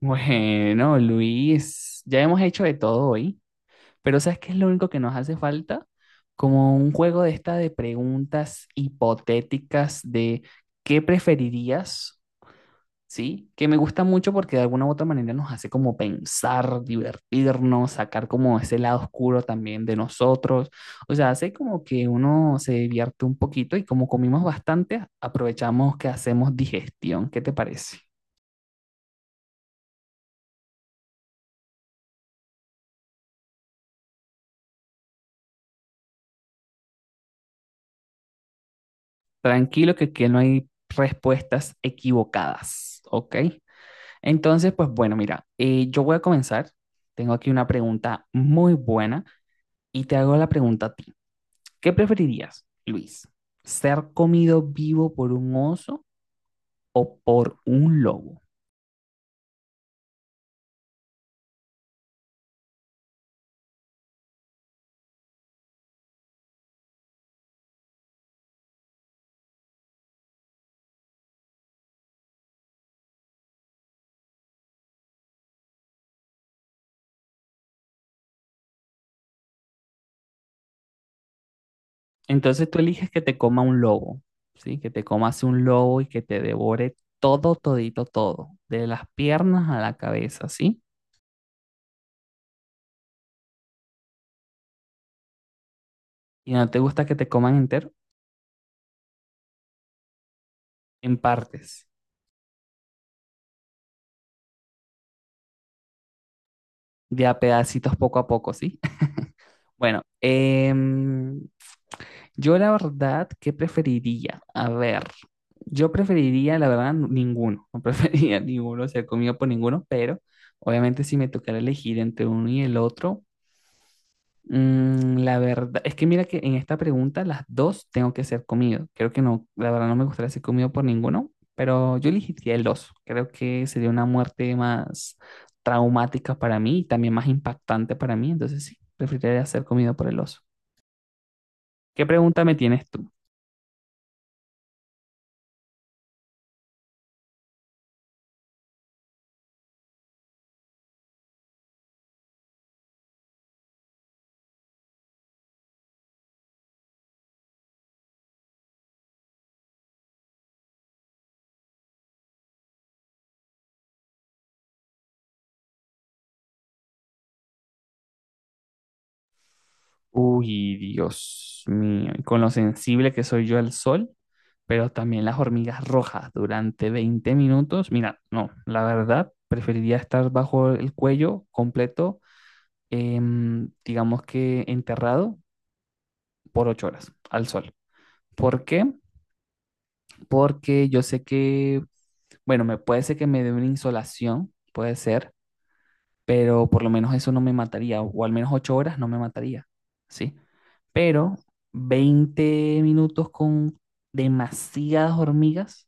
Bueno, Luis, ya hemos hecho de todo hoy, pero ¿sabes qué es lo único que nos hace falta? Como un juego de esta de preguntas hipotéticas de qué preferirías, ¿sí? Que me gusta mucho porque de alguna u otra manera nos hace como pensar, divertirnos, sacar como ese lado oscuro también de nosotros. O sea, hace como que uno se divierte un poquito y como comimos bastante, aprovechamos que hacemos digestión. ¿Qué te parece? Tranquilo que aquí no hay respuestas equivocadas, ¿ok? Entonces, pues bueno, mira, yo voy a comenzar. Tengo aquí una pregunta muy buena y te hago la pregunta a ti. ¿Qué preferirías, Luis? ¿Ser comido vivo por un oso o por un lobo? Entonces tú eliges que te coma un lobo, ¿sí? Que te comas un lobo y que te devore todo, todito, todo, de las piernas a la cabeza, ¿sí? Y no te gusta que te coman entero en partes. De a pedacitos poco a poco, ¿sí? Bueno, yo la verdad, ¿qué preferiría? A ver, yo preferiría, la verdad, ninguno. No preferiría ninguno, o sea, comido por ninguno, pero obviamente si me tocara elegir entre uno y el otro, la verdad, es que mira que en esta pregunta las dos tengo que ser comido. Creo que no, la verdad no me gustaría ser comido por ninguno, pero yo elegiría el oso. Creo que sería una muerte más traumática para mí y también más impactante para mí. Entonces sí, preferiría ser comido por el oso. ¿Qué pregunta me tienes tú? Uy, Dios mío, y con lo sensible que soy yo al sol, pero también las hormigas rojas durante 20 minutos. Mira, no, la verdad, preferiría estar bajo el cuello completo digamos que enterrado por 8 horas al sol. ¿Por qué? Porque yo sé que, bueno, me puede ser que me dé una insolación, puede ser, pero por lo menos eso no me mataría, o al menos 8 horas no me mataría, ¿sí? Pero 20 minutos con demasiadas hormigas.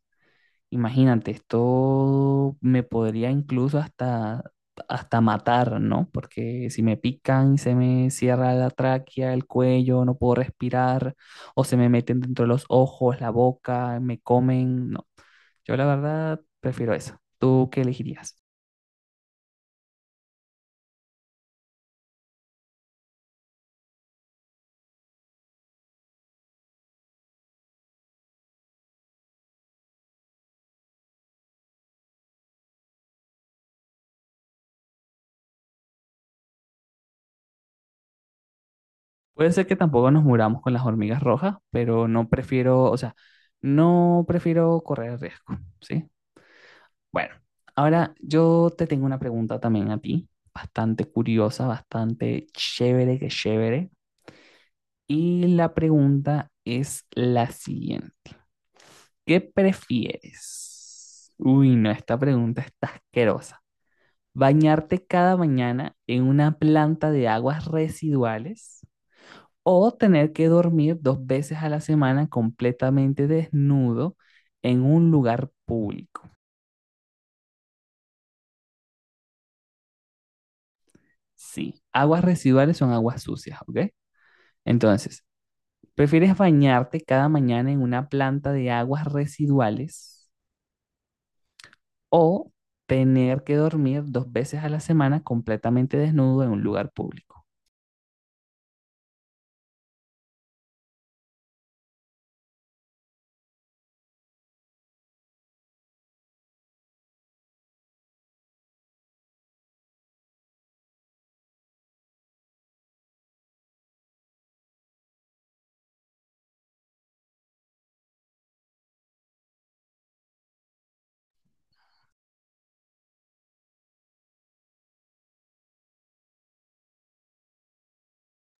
Imagínate, esto me podría incluso hasta matar, ¿no? Porque si me pican y se me cierra la tráquea, el cuello, no puedo respirar, o se me meten dentro de los ojos, la boca, me comen, no. Yo la verdad prefiero eso. ¿Tú qué elegirías? Puede ser que tampoco nos muramos con las hormigas rojas, pero no prefiero, o sea, no prefiero correr riesgo, ¿sí? Bueno, ahora yo te tengo una pregunta también a ti, bastante curiosa, bastante chévere que chévere. Y la pregunta es la siguiente. ¿Qué prefieres? Uy, no, esta pregunta está asquerosa. ¿Bañarte cada mañana en una planta de aguas residuales o tener que dormir dos veces a la semana completamente desnudo en un lugar público? Sí, aguas residuales son aguas sucias, ¿ok? Entonces, ¿prefieres bañarte cada mañana en una planta de aguas residuales o tener que dormir dos veces a la semana completamente desnudo en un lugar público?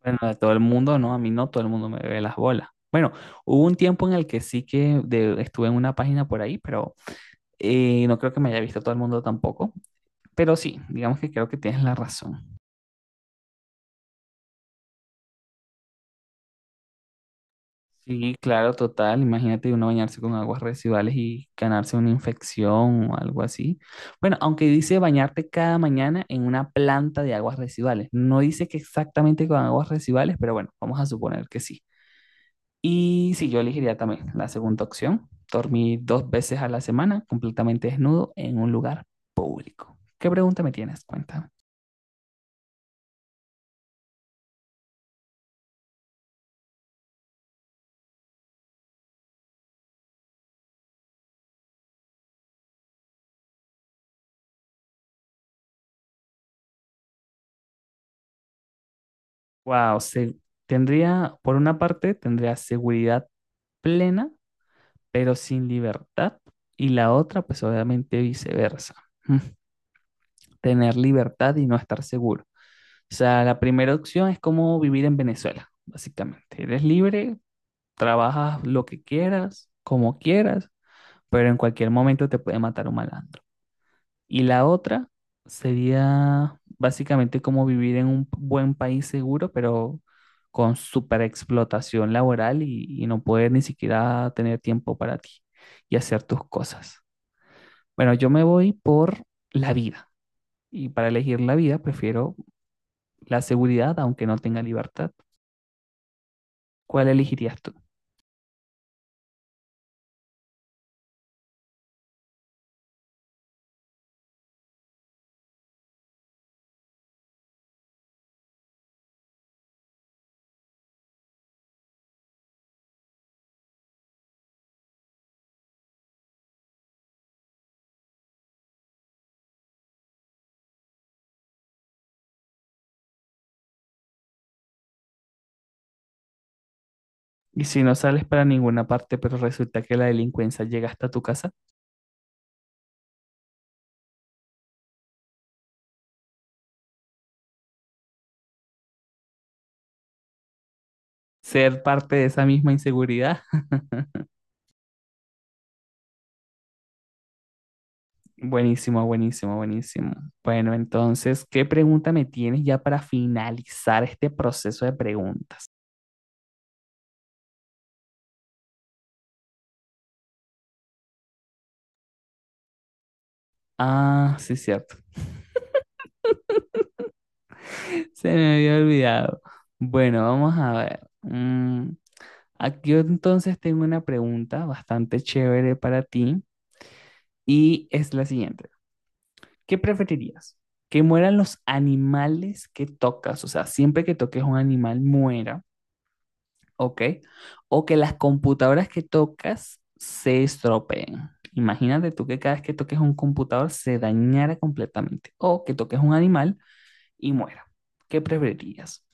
Bueno, de todo el mundo, no, a mí no, todo el mundo me ve las bolas. Bueno, hubo un tiempo en el que sí que estuve en una página por ahí, pero no creo que me haya visto todo el mundo tampoco. Pero sí, digamos que creo que tienes la razón. Sí, claro, total. Imagínate uno bañarse con aguas residuales y ganarse una infección o algo así. Bueno, aunque dice bañarte cada mañana en una planta de aguas residuales. No dice que exactamente con aguas residuales, pero bueno, vamos a suponer que sí. Y sí, yo elegiría también la segunda opción, dormir dos veces a la semana completamente desnudo en un lugar público. ¿Qué pregunta me tienes? Cuéntame. Wow, tendría, por una parte, tendría seguridad plena pero sin libertad. Y la otra, pues obviamente viceversa. ¿Mm? Tener libertad y no estar seguro. O sea, la primera opción es como vivir en Venezuela, básicamente. Eres libre, trabajas lo que quieras, como quieras, pero en cualquier momento te puede matar un malandro. Y la otra sería básicamente como vivir en un buen país seguro, pero con superexplotación laboral y no poder ni siquiera tener tiempo para ti y hacer tus cosas. Bueno, yo me voy por la vida. Y para elegir la vida, prefiero la seguridad, aunque no tenga libertad. ¿Cuál elegirías tú? Y si no sales para ninguna parte, pero resulta que la delincuencia llega hasta tu casa, ser parte de esa misma inseguridad. Buenísimo, buenísimo, buenísimo. Bueno, entonces, ¿qué pregunta me tienes ya para finalizar este proceso de preguntas? Ah, sí, cierto. Se me había olvidado. Bueno, vamos a ver. Aquí yo entonces tengo una pregunta bastante chévere para ti y es la siguiente. ¿Qué preferirías? ¿Que mueran los animales que tocas? O sea, siempre que toques un animal muera, ¿ok? O que las computadoras que tocas se estropeen. Imagínate tú que cada vez que toques un computador se dañara completamente. O que toques un animal y muera. ¿Qué preferirías?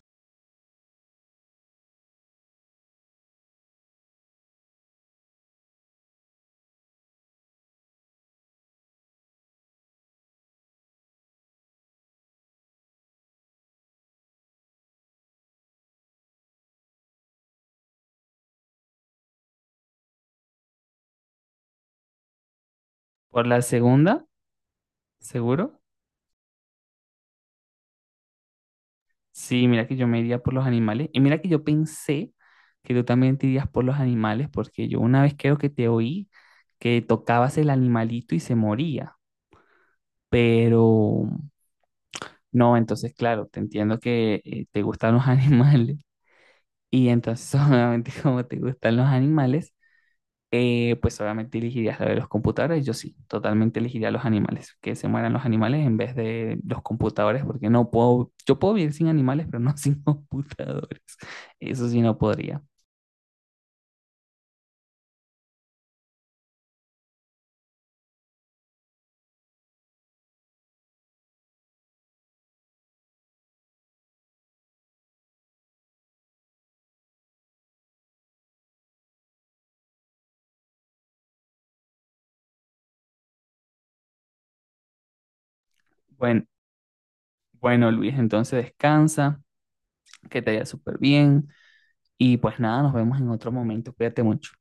Por la segunda, seguro. Sí, mira que yo me iría por los animales. Y mira que yo pensé que tú también te irías por los animales, porque yo una vez creo que te oí que tocabas el animalito y se moría. Pero no, entonces, claro, te entiendo que te gustan los animales. Y entonces, obviamente, como te gustan los animales, pues obviamente elegirías la de los computadores. Yo sí, totalmente elegiría los animales, que se mueran los animales en vez de los computadores, porque no puedo, yo puedo vivir sin animales, pero no sin computadores. Eso sí no podría. Bueno, bueno, Luis, entonces descansa, que te vaya súper bien y pues nada, nos vemos en otro momento. Cuídate mucho.